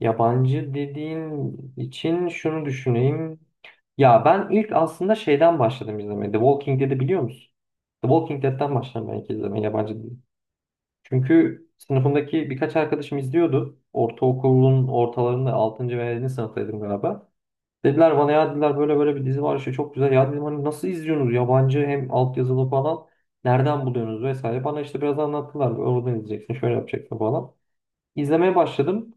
Yabancı dediğin için şunu düşüneyim. Ya ben ilk aslında şeyden başladım izlemeye. The Walking Dead'i biliyor musun? The Walking Dead'den başladım ben ilk izlemeye yabancı dizi. Çünkü sınıfımdaki birkaç arkadaşım izliyordu. Ortaokulun ortalarında 6. ve 7. sınıftaydım galiba. Dediler bana ya dediler böyle böyle bir dizi var işte çok güzel. Ya dedim hani nasıl izliyorsunuz yabancı hem altyazılı falan. Nereden buluyorsunuz vesaire. Bana işte biraz anlattılar. Oradan izleyeceksin şöyle yapacaksın falan. İzlemeye başladım.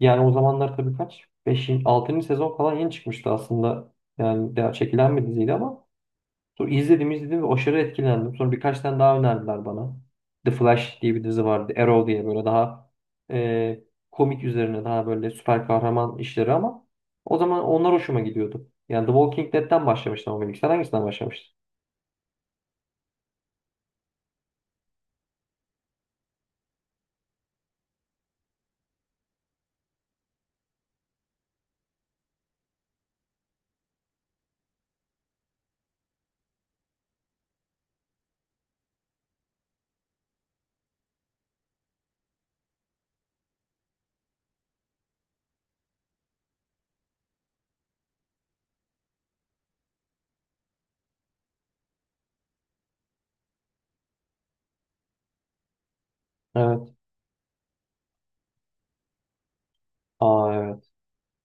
Yani o zamanlar tabii kaç? Beşinci altıncı sezon falan yeni çıkmıştı aslında. Yani daha çekilen bir diziydi ama sonra izledim ve aşırı etkilendim. Sonra birkaç tane daha önerdiler bana. The Flash diye bir dizi vardı. Arrow diye böyle daha e, komik üzerine daha böyle süper kahraman işleri ama o zaman onlar hoşuma gidiyordu. Yani The Walking Dead'den başlamıştım ama ilk. Sen hangisinden başlamıştın? Evet. Aa, evet.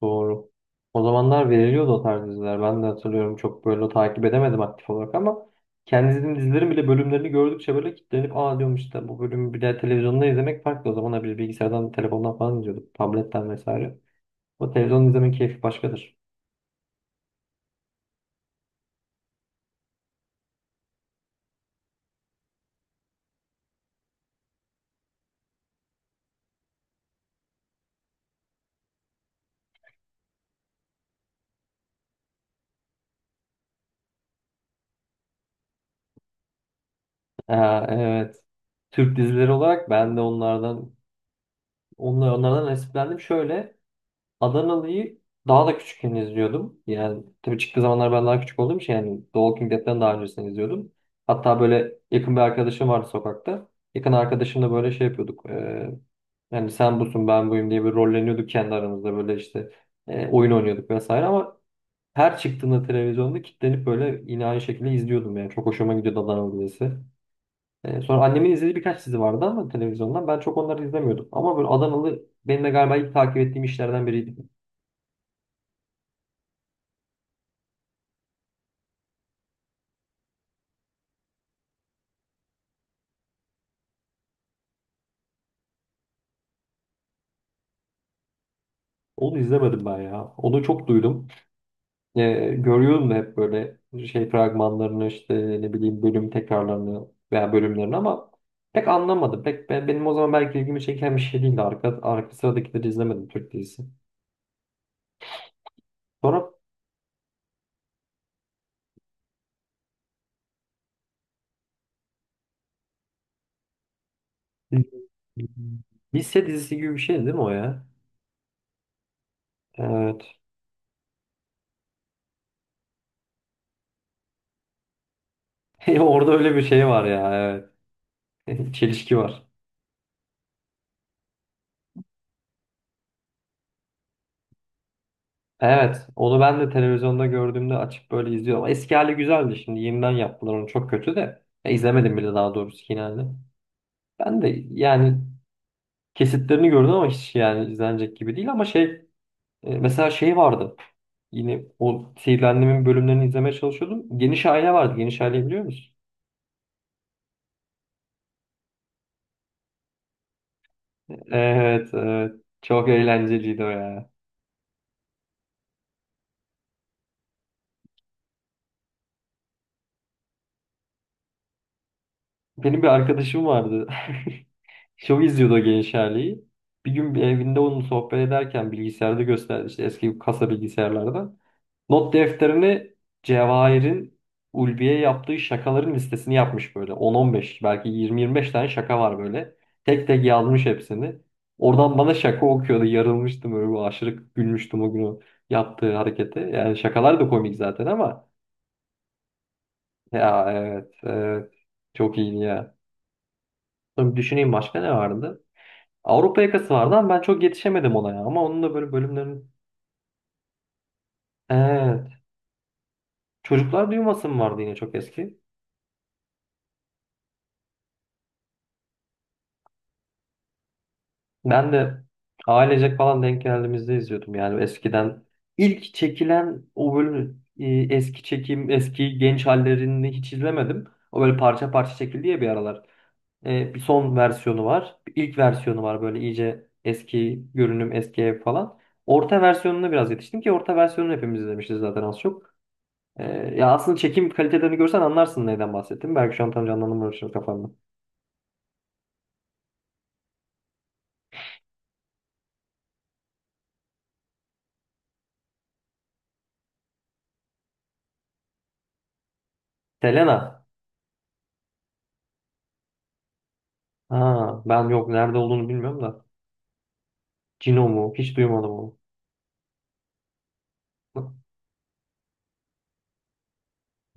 Doğru. O zamanlar veriliyordu o tarz diziler. Ben de hatırlıyorum, çok böyle takip edemedim aktif olarak ama kendi izlediğim dizilerin bile bölümlerini gördükçe böyle kilitlenip aa diyorum, işte bu bölümü bir de televizyonda izlemek farklı. O zaman bir bilgisayardan, telefondan falan izliyorduk. Tabletten vesaire. O televizyon izlemenin keyfi başkadır. Aa, evet. Türk dizileri olarak ben de onlardan onlardan nasiplendim. Şöyle Adanalı'yı daha da küçükken izliyordum. Yani tabii çıktığı zamanlar ben daha küçük olduğum için yani The Walking Dead'den daha öncesini izliyordum. Hatta böyle yakın bir arkadaşım vardı sokakta. Yakın arkadaşımla böyle şey yapıyorduk. Yani sen busun ben buyum diye bir rolleniyorduk kendi aramızda böyle işte oyun oynuyorduk vesaire ama her çıktığında televizyonda kilitlenip böyle yine aynı şekilde izliyordum, yani çok hoşuma gidiyordu Adanalı dizisi. Sonra annemin izlediği birkaç dizi vardı ama televizyondan ben çok onları izlemiyordum ama böyle Adanalı benim de galiba ilk takip ettiğim işlerden biriydi. Onu izlemedim ben ya. Onu çok duydum. Ee, Görüyorum da hep böyle şey fragmanlarını işte ne bileyim bölüm tekrarlarını veya bölümlerini ama pek anlamadım. Pek benim o zaman belki ilgimi çeken bir şey değildi. Arka sıradakileri izlemedim Türk dizisi. Sonra lise dizisi gibi bir şeydi değil mi o ya? Evet. Orada öyle bir şey var ya. Evet. Çelişki var. Evet, onu ben de televizyonda gördüğümde açıp böyle izliyorum. Eski hali güzeldi, şimdi yeniden yaptılar onu çok kötü de. Ya, izlemedim bile daha doğrusu yeni halini. Ben de yani kesitlerini gördüm ama hiç yani izlenecek gibi değil ama şey, mesela şey vardı. Yine o Sihirli Annem'in bölümlerini izlemeye çalışıyordum. Geniş Aile vardı. Geniş Aile biliyor musun? Evet, evet. Çok eğlenceliydi o ya. Benim bir arkadaşım vardı. Show izliyordu o genç haliyi. Bir gün bir evinde onunla sohbet ederken bilgisayarda gösterdi işte, eski kasa bilgisayarlarda. Not defterini Cevahir'in Ulvi'ye yaptığı şakaların listesini yapmış böyle. 10-15, belki 20-25 tane şaka var böyle. Tek tek yazmış hepsini. Oradan bana şaka okuyordu. Yarılmıştım öyle, bu aşırı gülmüştüm o gün o yaptığı harekete. Yani şakalar da komik zaten ama ya, evet evet, çok iyiydi ya. Sonra bir düşüneyim, başka ne vardı? Avrupa Yakası vardı ama ben çok yetişemedim ona ya. Ama onun da böyle bölümlerin... Evet. Çocuklar Duymasın vardı yine, çok eski. Ben de ailecek falan denk geldiğimizde izliyordum. Yani eskiden ilk çekilen o bölümü eski eski genç hallerini hiç izlemedim. O böyle parça parça çekildi ya bir aralar. E, bir son versiyonu var. Bir ilk versiyonu var, böyle iyice eski görünüm, eski ev falan. Orta versiyonuna biraz yetiştim ki orta versiyonunu hepimiz izlemişiz zaten az çok. Ya aslında çekim kalitelerini görsen anlarsın neyden bahsettim. Belki şu an tam canlandırmıyorum şimdi kafamda. Selena. Ha, ben yok nerede olduğunu bilmiyorum da. Cino mu? Hiç duymadım onu.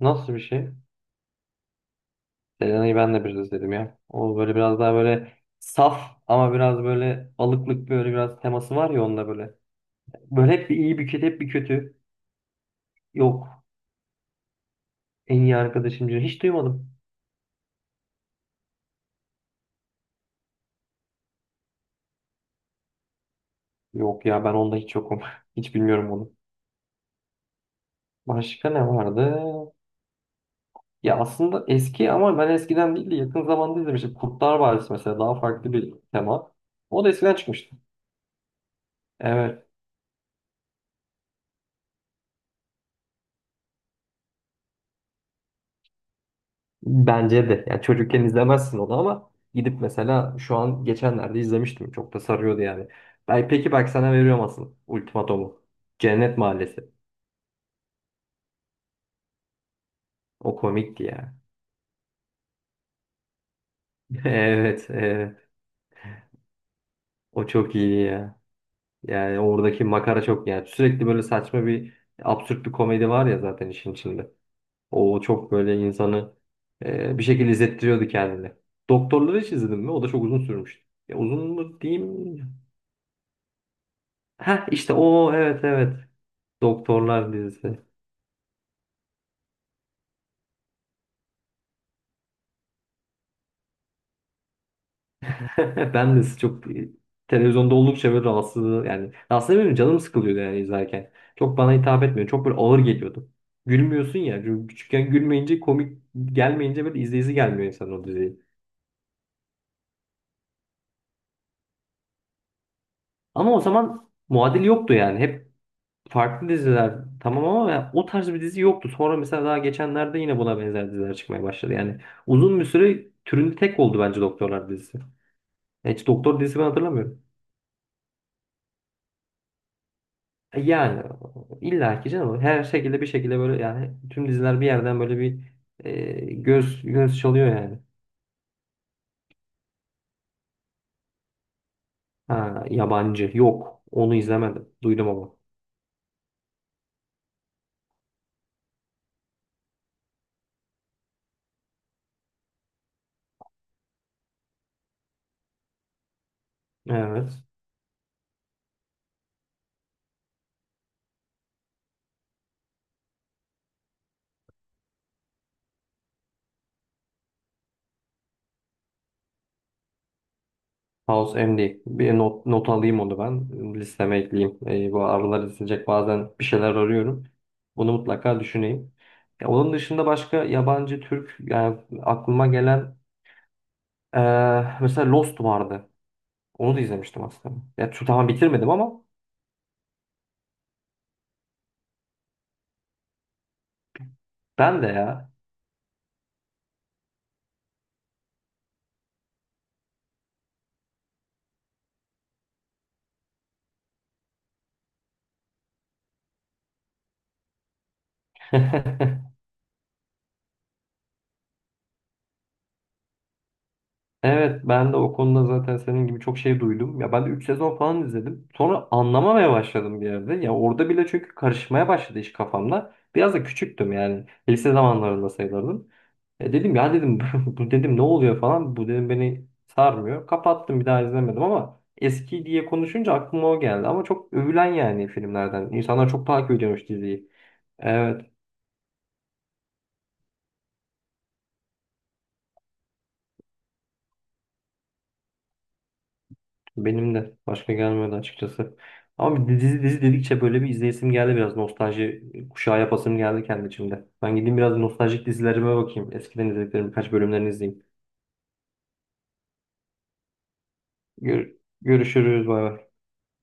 Nasıl bir şey? Selena'yı ben de biraz izledim ya. O böyle biraz daha böyle saf ama biraz böyle alıklık böyle biraz teması var ya onda böyle. Böyle hep bir iyi bir kötü hep bir kötü. Yok. En iyi arkadaşım Cino. Hiç duymadım. Yok ya, ben onda hiç yokum. Hiç bilmiyorum onu. Başka ne vardı? Ya aslında eski ama ben eskiden değil de yakın zamanda izlemiştim. Kurtlar Vadisi mesela, daha farklı bir tema. O da eskiden çıkmıştı. Evet. Bence de. Yani çocukken izlemezsin onu ama gidip mesela şu an geçenlerde izlemiştim. Çok da sarıyordu yani. Ben, peki bak sana veriyorum asıl ultimatomu. Cennet Mahallesi. O komikti ya. Evet, evet. O çok iyi ya. Yani oradaki makara çok yani. Sürekli böyle saçma bir, absürt bir komedi var ya zaten işin içinde. O çok böyle insanı bir şekilde izlettiriyordu kendini. Doktorlar'ı hiç izledin mi? O da çok uzun sürmüştü. Ya uzun mu diyeyim? Ha işte o, evet evet. Doktorlar dizisi. Ben de çok televizyonda oldukça böyle rahatsız, yani rahatsız etmiyorum, canım sıkılıyordu yani izlerken. Çok bana hitap etmiyor. Çok böyle ağır geliyordu. Gülmüyorsun ya, çünkü küçükken gülmeyince komik gelmeyince böyle izleyisi gelmiyor insan o diziyi. Ama o zaman muadil yoktu yani. Hep farklı diziler tamam ama ya o tarz bir dizi yoktu. Sonra mesela daha geçenlerde yine buna benzer diziler çıkmaya başladı. Yani uzun bir süre türünde tek oldu bence Doktorlar dizisi. Hiç doktor dizisi ben hatırlamıyorum. E yani illa ki canım her şekilde bir şekilde böyle yani tüm diziler bir yerden böyle bir e, göz çalıyor yani. Ha, yabancı, yok onu izlemedim, duydum ama. Evet. House MD. Bir not alayım onu ben. Listeme ekleyeyim. Bu aralar izleyecek bazen bir şeyler arıyorum. Bunu mutlaka düşüneyim. Ya, onun dışında başka yabancı Türk yani aklıma gelen mesela Lost vardı. Onu da izlemiştim aslında. Ya, tamam bitirmedim ama ben de ya. Evet ben de o konuda zaten senin gibi çok şey duydum. Ya ben de 3 sezon falan izledim. Sonra anlamamaya başladım bir yerde. Ya orada bile çünkü karışmaya başladı iş kafamda. Biraz da küçüktüm yani. Lise zamanlarında sayılırdım. E dedim ya dedim bu dedim ne oluyor falan. Bu dedim beni sarmıyor. Kapattım, bir daha izlemedim ama eski diye konuşunca aklıma o geldi. Ama çok övülen yani filmlerden. İnsanlar çok takip ediyormuş diziyi. Evet. Benim de başka gelmedi açıkçası. Ama bir dizi dedikçe böyle bir izleyesim geldi, biraz nostalji kuşağı yapasım geldi kendi içimde. Ben gideyim biraz nostaljik dizilerime bakayım. Eskiden izlediklerim birkaç bölümlerini izleyeyim. Gör- Görüşürüz, bay bay.